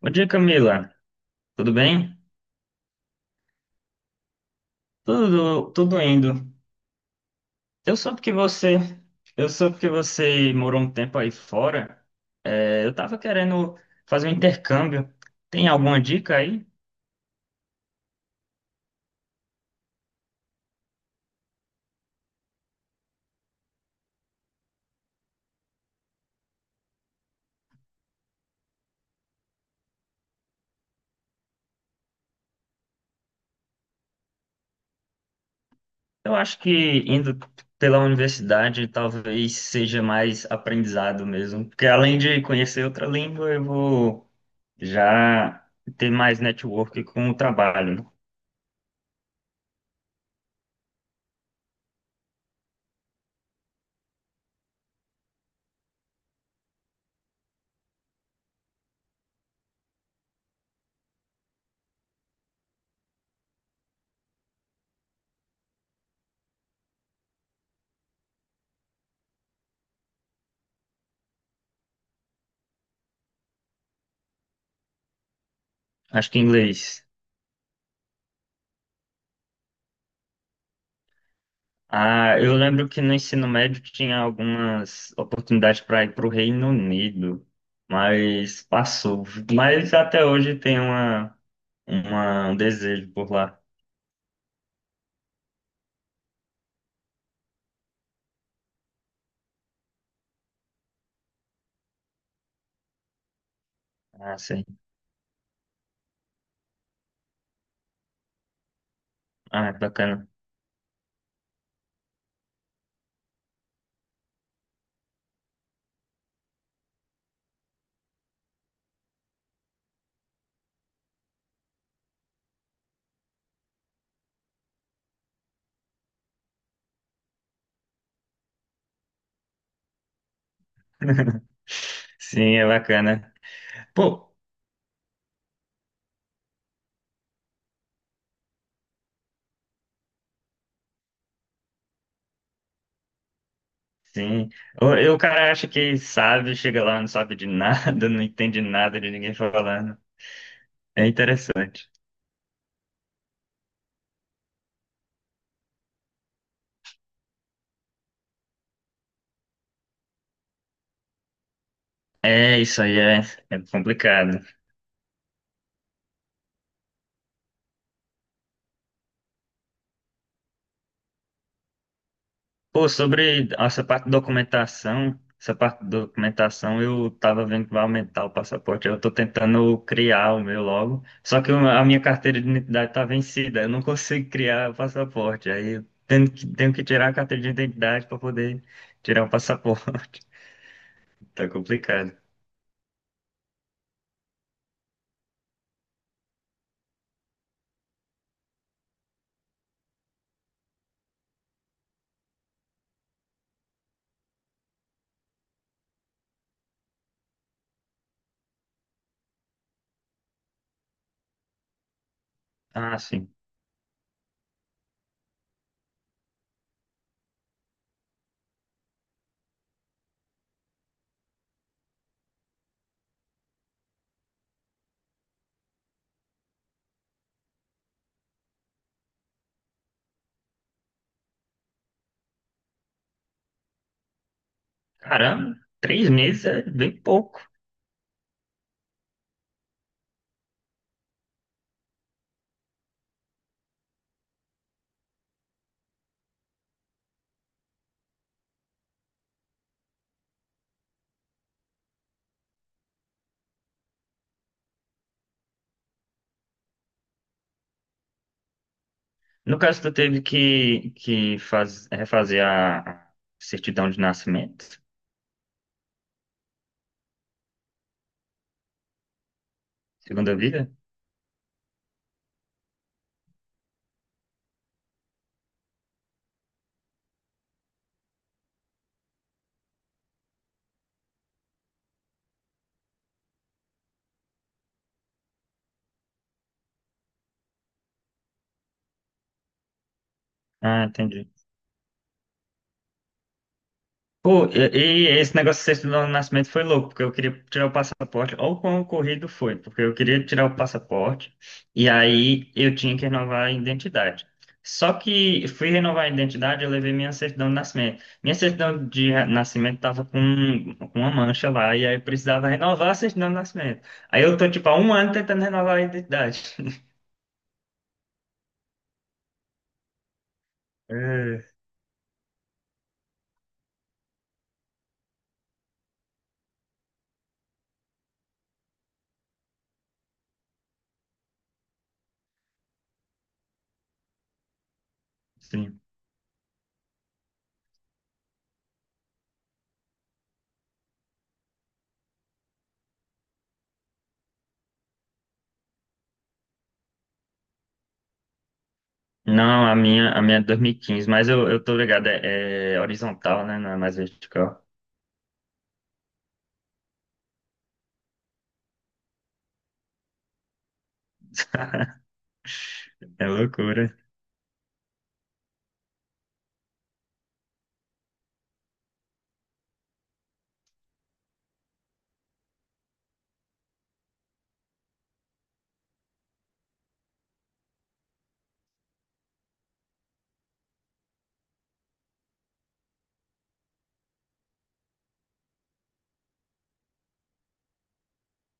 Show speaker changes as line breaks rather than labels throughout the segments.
Bom dia, Camila. Tudo bem? Tudo, indo. Eu soube que você, eu soube que você morou um tempo aí fora. É, eu tava querendo fazer um intercâmbio. Tem alguma dica aí? Eu acho que indo pela universidade talvez seja mais aprendizado mesmo, porque além de conhecer outra língua, eu vou já ter mais network com o trabalho. Acho que inglês. Ah, eu lembro que no ensino médio tinha algumas oportunidades para ir para o Reino Unido, mas passou. Mas até hoje tem um desejo por lá. Ah, sim. Ah, é bacana. Sim, é bacana. Pô, sim. O, e o cara acha que sabe, chega lá, não sabe de nada, não entende nada de ninguém falando. É interessante. É, isso aí é, é complicado. Pô, sobre essa parte de documentação, essa parte de documentação eu tava vendo que vai aumentar o passaporte. Eu tô tentando criar o meu logo, só que a minha carteira de identidade tá vencida, eu não consigo criar o passaporte. Aí eu tenho que tirar a carteira de identidade para poder tirar o passaporte. Tá complicado. Ah, sim. Caramba, três meses é bem pouco. No caso, tu teve que refazer a certidão de nascimento, segunda vida? Ah, entendi. Pô, e esse negócio de sexto do nascimento foi louco, porque eu queria tirar o passaporte, ou quão corrido foi, porque eu queria tirar o passaporte, e aí eu tinha que renovar a identidade. Só que fui renovar a identidade, eu levei minha certidão de nascimento. Minha certidão de nascimento tava com uma mancha lá, e aí eu precisava renovar a certidão de nascimento. Aí eu tô, tipo, há um ano tentando renovar a identidade. É, sim. Não, a minha é 2015, mas eu tô ligado, é horizontal, né? Não é mais vertical. É loucura.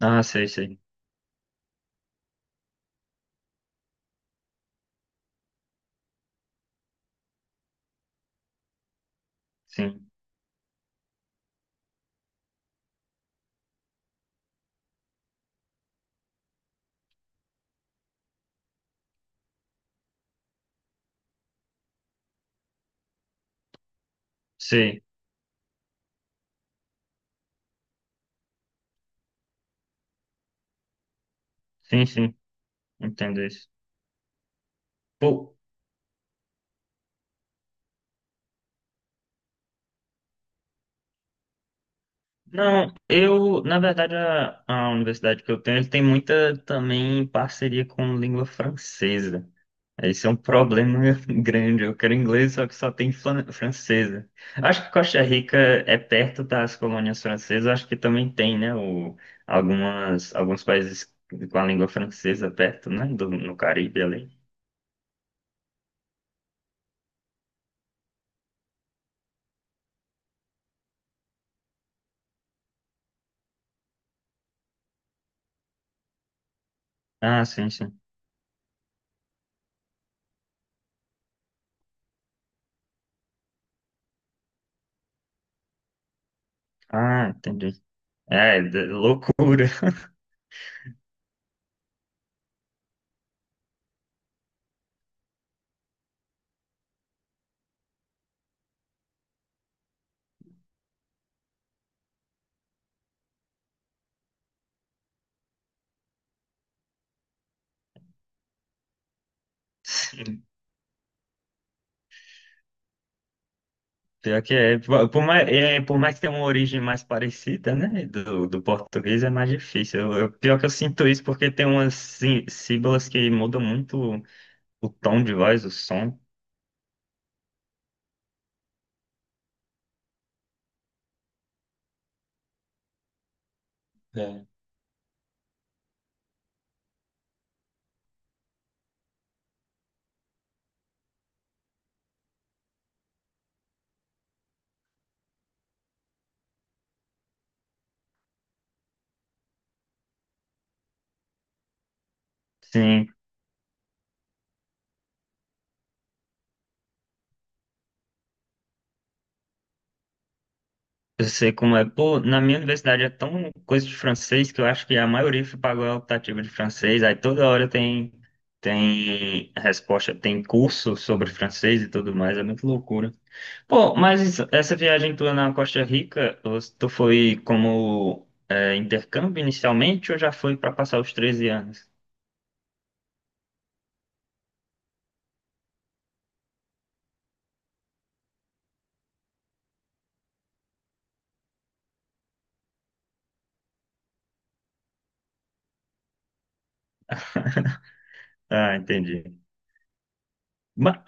Ah, sei, sei. Sim. Sei. Sim, sim. Entendo isso. Pô, não, eu, na verdade, a universidade que eu tenho, ele tem muita também parceria com língua francesa. Esse é um problema grande. Eu quero inglês, só que só tem francesa. Acho que Costa Rica é perto das colônias francesas. Acho que também tem, né? O, algumas, alguns países com a língua francesa perto, né? Do, no Caribe ali. Ah, sim, sim. Ah, entendi. É, loucura. Sim. Pior que é. Por mais que tenha uma origem mais parecida, né? Do português é mais difícil. Pior que eu sinto isso porque tem umas sílabas que mudam muito o tom de voz, o som. É. Sim, eu sei como é. Pô, na minha universidade é tão coisa de francês que eu acho que a maioria pagou a optativa de francês. Aí toda hora tem, tem resposta, tem curso sobre francês e tudo mais. É muito loucura. Pô, mas essa viagem tua na Costa Rica, tu foi como é, intercâmbio inicialmente ou já foi para passar os 13 anos? Ah, entendi. Ba-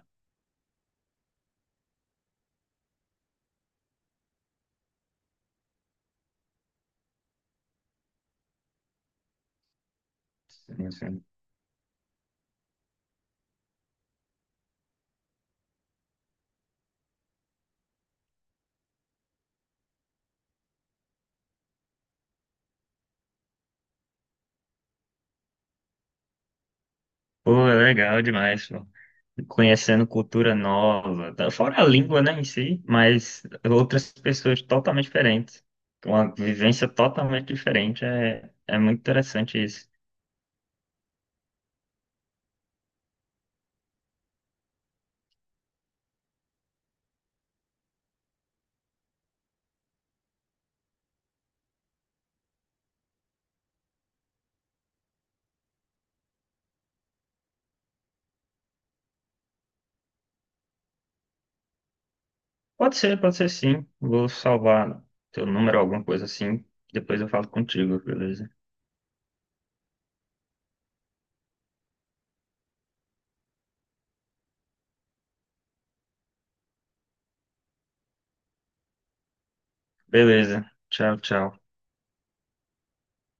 Pô, é legal demais, pô. Conhecendo cultura nova, tá? Fora a língua, né, em si, mas outras pessoas totalmente diferentes, uma vivência totalmente diferente, é muito interessante isso. Pode ser sim. Vou salvar teu número, alguma coisa assim, depois eu falo contigo, beleza? Beleza. Tchau, tchau.